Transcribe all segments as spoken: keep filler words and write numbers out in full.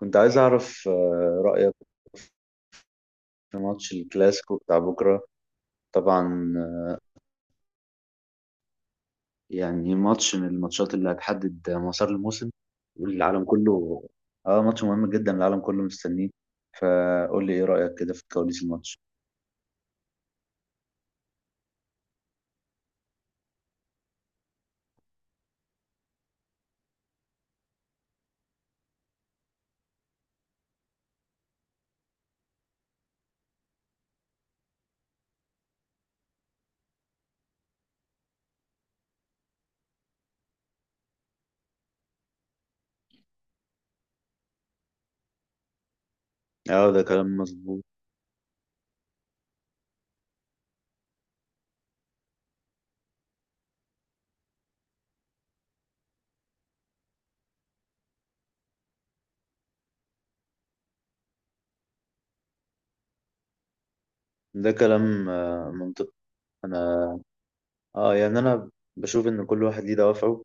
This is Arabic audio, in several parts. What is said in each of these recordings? كنت عايز أعرف آه، رأيك في ماتش الكلاسيكو بتاع بكرة. طبعا آه، يعني ماتش من الماتشات اللي هتحدد مسار الموسم والعالم كله. اه، ماتش مهم جدا، العالم كله مستنيه. آه، قول لي ايه رأيك كده في كواليس الماتش؟ اه، ده كلام مظبوط. ده كلام آه، منطقي. انا اه يعني انا بشوف ان كل واحد ليه دوافعه.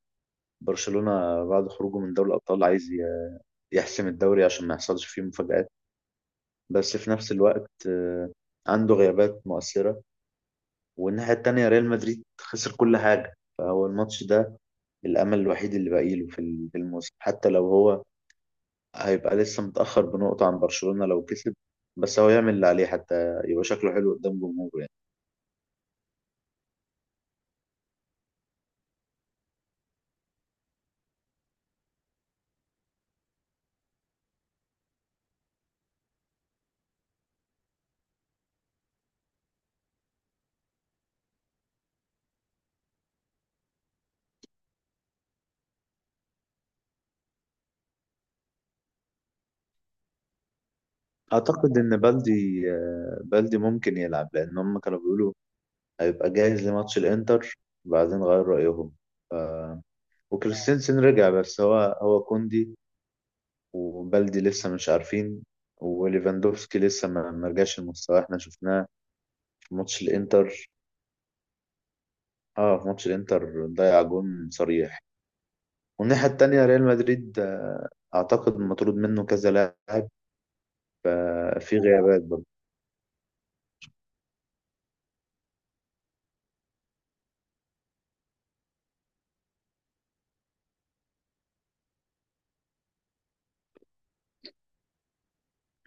برشلونة بعد خروجه من دوري الأبطال عايز ي- يحسم الدوري عشان ما يحصلش فيه مفاجآت. بس في نفس الوقت آه، عنده غيابات مؤثرة. والناحية التانية ريال مدريد خسر كل حاجة، فهو الماتش ده الأمل الوحيد اللي باقي له في ال- في الموسم. حتى لو هو هيبقى لسه متأخر بنقطة عن برشلونة لو كسب، بس هو يعمل اللي عليه حتى يبقى شكله حلو قدام جمهوره يعني. أعتقد إن بلدي، آه، بلدي ممكن يلعب، لأن هم كانوا بيقولوا هيبقى جاهز لماتش الإنتر وبعدين غير رأيهم. ف... وكريستنسن رجع، بس هو هو كوندي وبلدي لسه مش عارفين. وليفاندوفسكي لسه ما ما رجعش المستوى، احنا شفناه ماتش الانتر. اه، في ماتش الانتر ضيع جون صريح. والناحية التانية ريال مدريد آه، اعتقد مطرود منه كذا لاعب. آه، في غيابات برضه.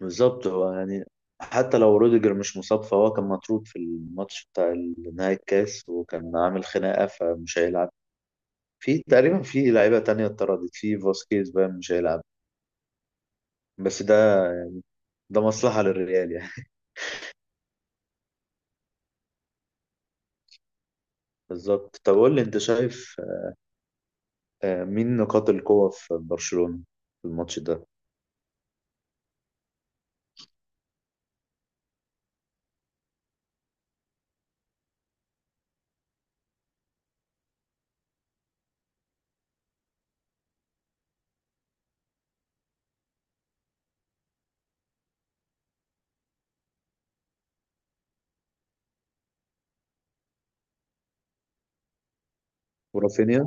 بالظبط، هو يعني حتى لو روديجر مش مصاب، فهو كان مطرود في الماتش بتاع نهائي الكاس وكان عامل خناقة فمش هيلعب. في تقريبا في لعيبة تانية اتطردت، في فاسكيز بقى مش هيلعب. بس ده، ده مصلحة للريال يعني. بالظبط. طب قول لي انت شايف آه، مين نقاط القوة في برشلونة في الماتش ده؟ ورافينيا.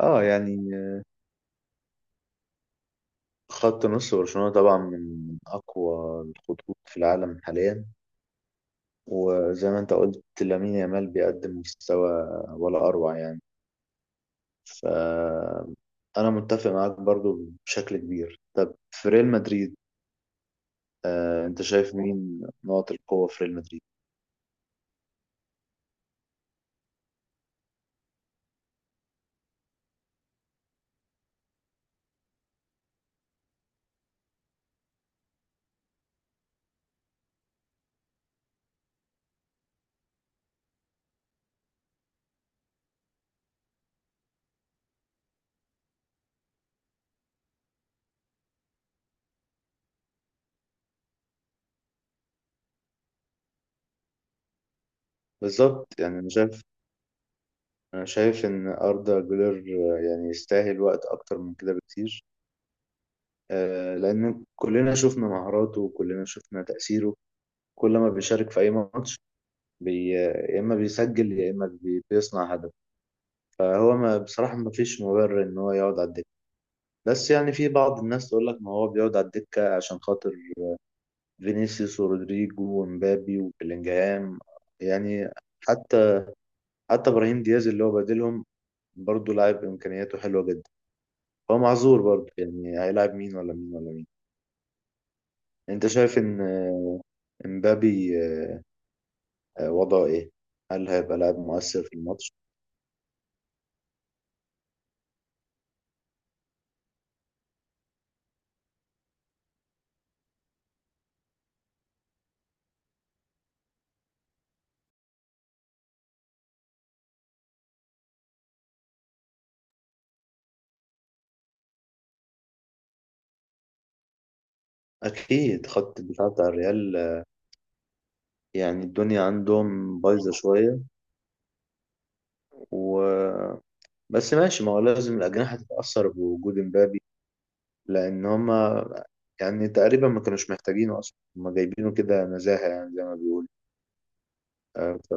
اه يعني خط نص برشلونة طبعا من أقوى الخطوط في العالم حاليا. وزي ما انت قلت، لامين يامال بيقدم مستوى ولا أروع يعني. ف أنا متفق معاك برضو بشكل كبير. طب في ريال مدريد، آه، انت شايف مين نقط القوة في ريال مدريد؟ بالظبط. يعني انا شايف انا شايف ان أردا جولر آه، يعني يستاهل وقت أكتر من كده بكتير. آه، لأن كلنا شفنا مهاراته وكلنا شفنا تأثيره. كل ما بيشارك في أي ماتش، بي... يا اما بيسجل يا اما بي... بيصنع هدف. فهو ما بصراحه ما فيش مبرر ان هو يقعد على الدكه. بس يعني في بعض الناس تقول لك ما هو بيقعد على الدكه عشان خاطر فينيسيوس ورودريجو ومبابي وبيلينجهام. يعني حتى، حتى ابراهيم دياز اللي هو بديلهم برضه لاعب امكانياته حلوه جدا. هو معذور برضه يعني، هيلاعب مين ولا مين ولا مين. انت شايف ان امبابي آه، وضعه ايه؟ هل هيبقى لاعب مؤثر في الماتش؟ اكيد خط الدفاع بتاع الريال، يعني الدنيا عندهم بايظة شوية. و بس ماشي، ما هو لازم الأجنحة تتأثر بوجود مبابي. لأن هما يعني تقريبا ما كانوش محتاجينه أصلا، هما جايبينه كده نزاهة يعني زي ما بيقولوا. آه ف...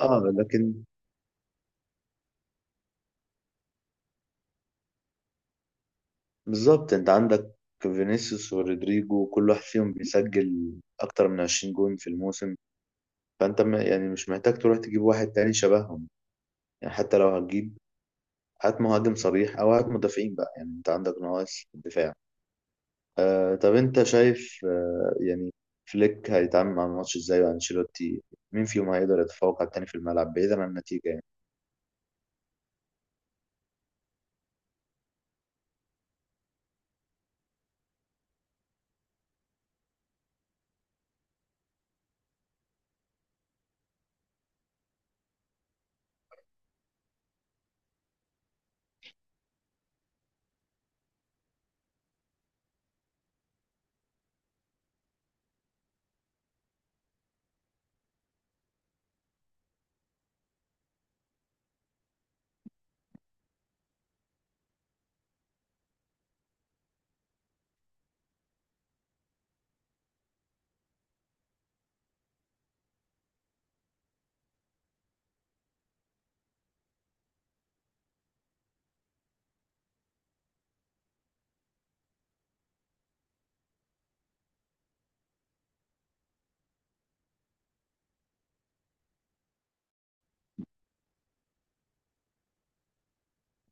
آه لكن بالظبط، أنت عندك فينيسيوس ورودريجو كل واحد فيهم بيسجل أكتر من عشرين جون في الموسم. فأنت م- يعني مش محتاج تروح تجيب واحد تاني شبههم. يعني حتى لو هتجيب، هات مهاجم صريح أو هات مدافعين بقى، يعني أنت عندك نواقص دفاع. آه طب انت شايف آه يعني فليك هيتعامل مع الماتش ازاي، وانشيلوتي مين فيهم هيقدر يتفوق على التاني في الملعب بعيدا عن النتيجة يعني؟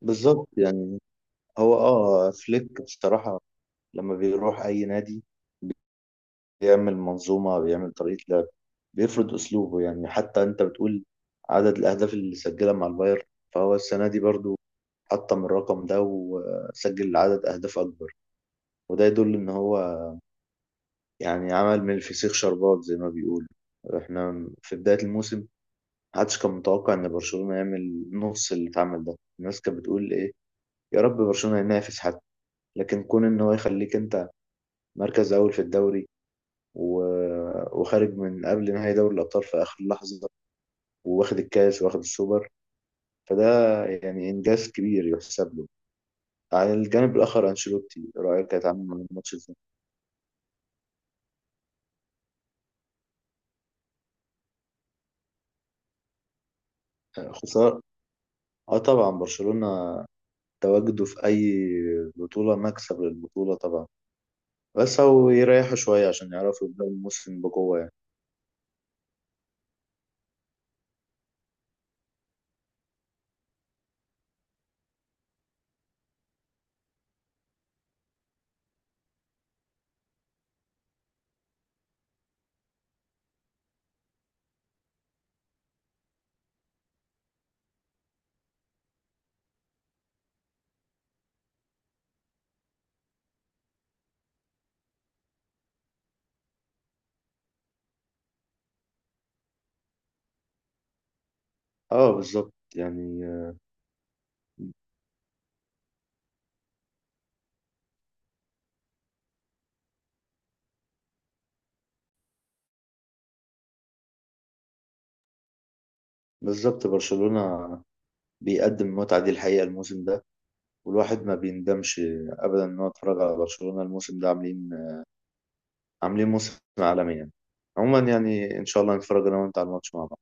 بالظبط يعني. هو اه فليك بصراحة لما بيروح اي نادي بيعمل منظومة، بيعمل طريقة لعب، بيفرض اسلوبه. يعني حتى انت بتقول عدد الاهداف اللي سجلها مع البايرن، فهو السنة دي برضو حطم الرقم ده وسجل عدد اهداف اكبر. وده يدل ان هو يعني عمل من الفسيخ شربات زي ما بيقولوا. احنا في بداية الموسم محدش كان متوقع ان برشلونة يعمل نص اللي اتعمل ده. الناس كانت بتقول ايه، يا رب برشلونة ينافس حتى. لكن كون ان هو يخليك انت مركز اول في الدوري و... وخارج من قبل نهائي دوري الابطال في اخر لحظة، واخد الكاس واخد السوبر، فده يعني انجاز كبير يحسب له. على الجانب الاخر انشيلوتي، رايك كانت عامل من الماتش ازاي؟ خسارة. اه طبعا برشلونة تواجده في أي بطولة مكسب للبطولة طبعا، بس أو يريحوا شوية عشان يعرفوا يبدأوا الموسم بقوة يعني. اه بالظبط يعني آه، بالظبط. برشلونة بيقدم المتعة دي الحقيقة الموسم ده، والواحد ما بيندمش أبدا إن هو اتفرج على برشلونة الموسم ده. عاملين، عاملين موسم عالمي يعني. عموما يعني إن شاء الله نتفرج أنا وأنت على الماتش مع بعض.